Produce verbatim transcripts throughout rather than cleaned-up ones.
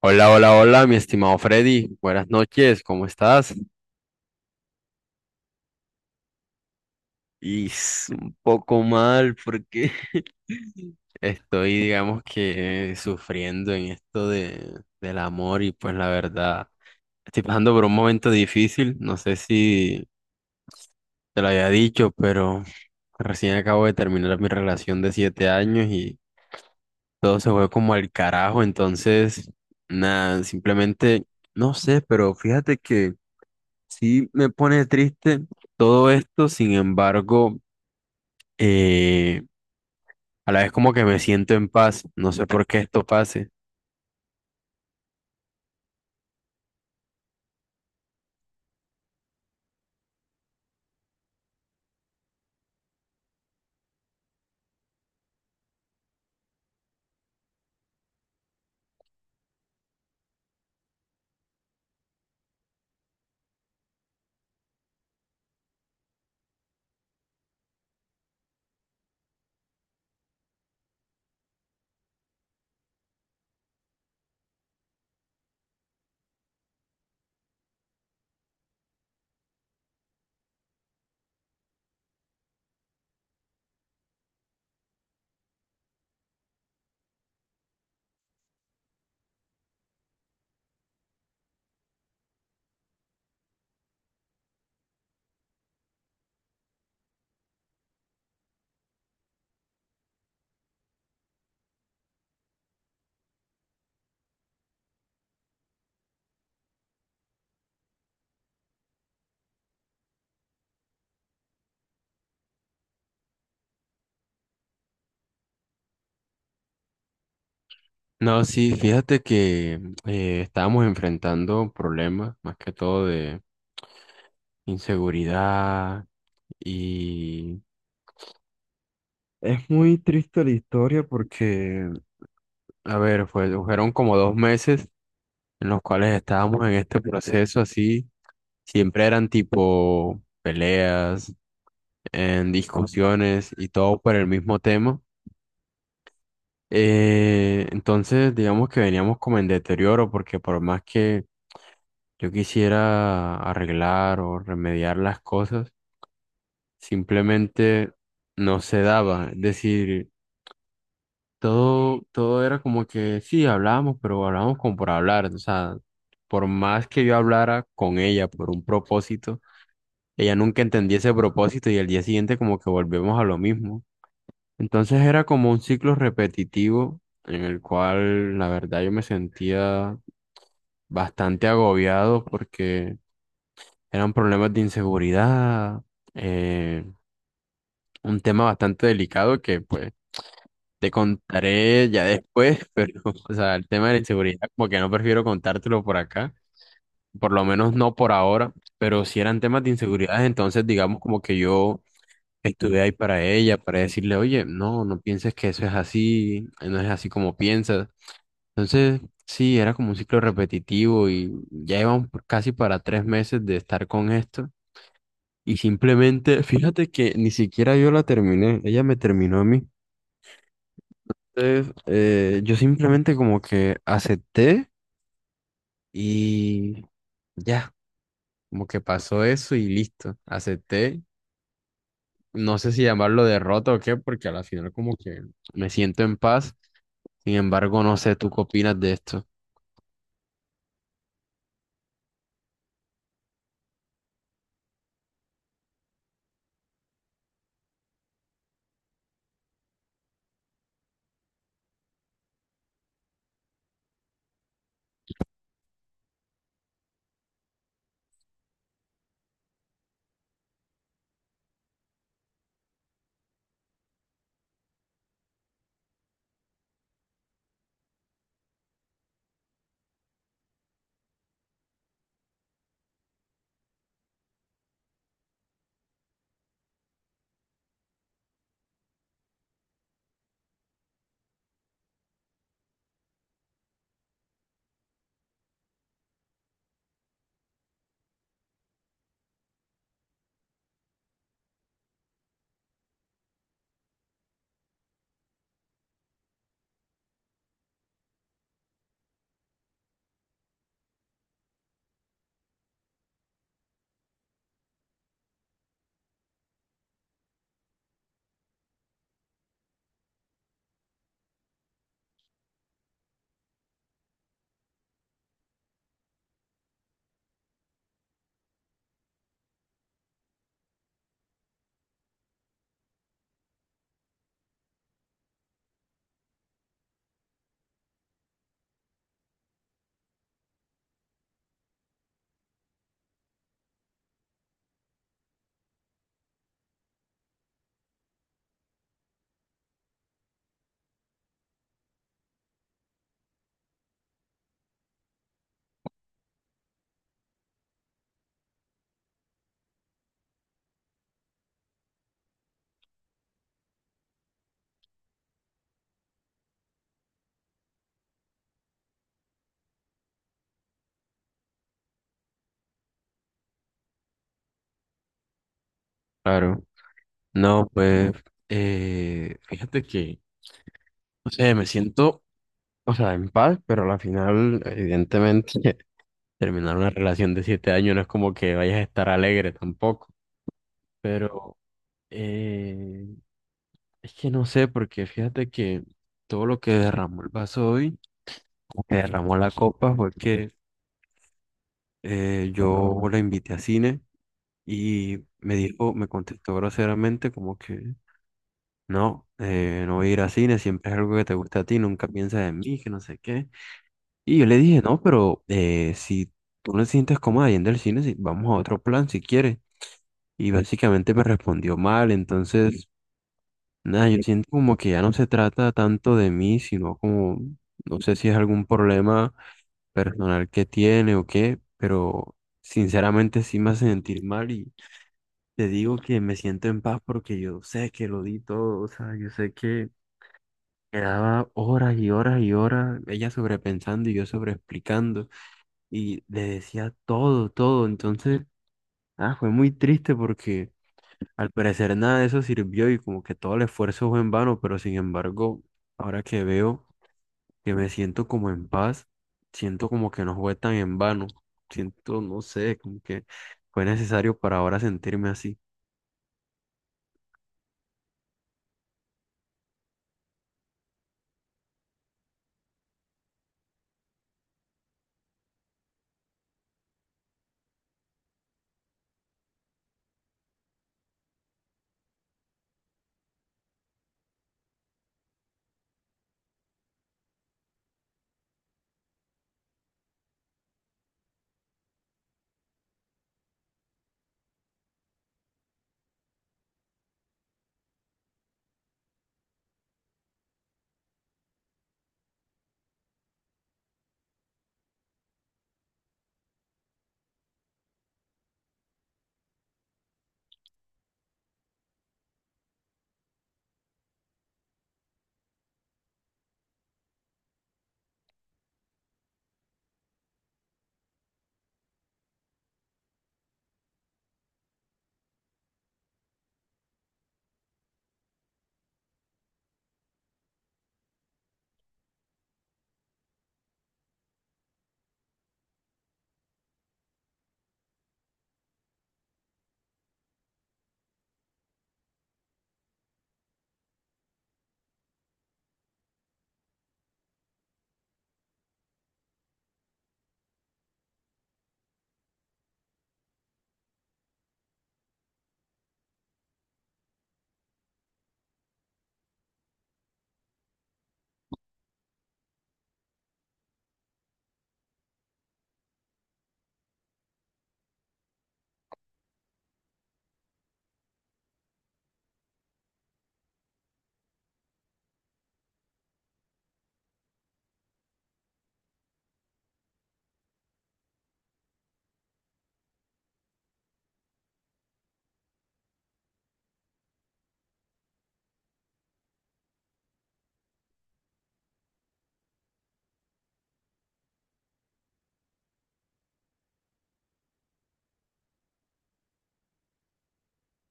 Hola, hola, hola, mi estimado Freddy. Buenas noches, ¿cómo estás? Y s- un poco mal porque estoy, digamos que, sufriendo en esto de, del amor y pues la verdad, estoy pasando por un momento difícil. No sé si te lo había dicho, pero recién acabo de terminar mi relación de siete años y todo se fue como al carajo. Entonces, nada, simplemente, no sé, pero fíjate que. Sí, me pone triste todo esto, sin embargo, eh, a la vez como que me siento en paz, no sé por qué esto pase. No, sí, fíjate que eh, estábamos enfrentando problemas, más que todo de inseguridad. Y... Es muy triste la historia porque, a ver, fue- fueron como dos meses en los cuales estábamos en este proceso así, siempre eran tipo peleas, en discusiones y todo por el mismo tema. Eh, entonces, digamos que veníamos como en deterioro porque por más que yo quisiera arreglar o remediar las cosas, simplemente no se daba. Es decir, todo, todo era como que sí, hablábamos, pero hablábamos como por hablar. O sea, por más que yo hablara con ella por un propósito, ella nunca entendía ese propósito y al día siguiente como que volvemos a lo mismo. Entonces era como un ciclo repetitivo en el cual la verdad yo me sentía bastante agobiado porque eran problemas de inseguridad, eh, un tema bastante delicado que pues te contaré ya después, pero o sea, el tema de la inseguridad como que no prefiero contártelo por acá, por lo menos no por ahora, pero si eran temas de inseguridad, entonces digamos como que yo. Estuve ahí para ella, para decirle, oye, no, no pienses que eso es así, no es así como piensas. Entonces, sí, era como un ciclo repetitivo y ya íbamos por- casi para tres meses de estar con esto. Y simplemente, fíjate que ni siquiera yo la terminé, ella me terminó a mí. Entonces, eh, yo simplemente como que acepté y ya, como que pasó eso y listo, acepté. No sé si llamarlo derrota o qué, porque a la final como que me siento en paz. Sin embargo, no sé, ¿tú qué opinas de esto? Claro. No, pues, eh, fíjate que. O sea, me siento, o sea, en paz, pero a la final, evidentemente, terminar una relación de siete años no es como que vayas a estar alegre tampoco. Pero eh, es que no sé, porque fíjate que todo lo que derramó el vaso hoy, lo que derramó la copa, fue que eh, yo la invité a cine y me dijo, me contestó groseramente como que no, eh, no voy a ir a cine, siempre es algo que te gusta a ti, nunca piensas en mí, que no sé qué. Y yo le dije, no, pero eh, si tú no te sientes cómoda yendo al cine, si vamos a otro plan si quieres. Y básicamente me respondió mal, entonces, nada, yo siento como que ya no se trata tanto de mí, sino como, no sé si es algún problema personal que tiene o qué, pero sinceramente sí me hace sentir mal y te digo que me siento en paz porque yo sé que lo di todo, o sea, yo sé que quedaba horas y horas y horas ella sobrepensando y yo sobreexplicando, y le decía todo, todo. Entonces, ah, fue muy triste porque al parecer nada de eso sirvió y como que todo el esfuerzo fue en vano, pero sin embargo, ahora que veo que me siento como en paz, siento como que no fue tan en vano. Siento, no sé, como que fue necesario para ahora sentirme así.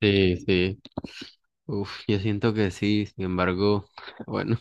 Sí, sí. Uf, yo siento que sí, sin embargo, bueno,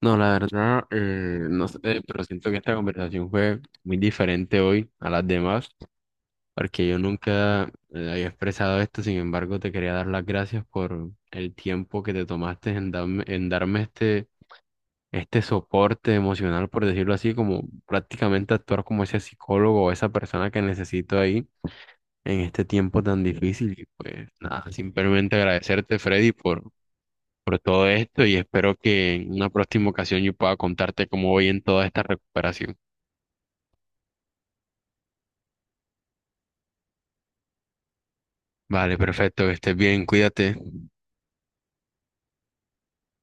no, la verdad, eh, no sé, pero siento que esta conversación fue muy diferente hoy a las demás, porque yo nunca eh, había expresado esto, sin embargo, te quería dar las gracias por el tiempo que te tomaste en darme, en darme este, este soporte emocional, por decirlo así, como prácticamente actuar como ese psicólogo o esa persona que necesito ahí en este tiempo tan difícil. Y pues nada, simplemente agradecerte, Freddy, por, por todo esto y espero que en una próxima ocasión yo pueda contarte cómo voy en toda esta recuperación. Vale, perfecto, que estés bien, cuídate.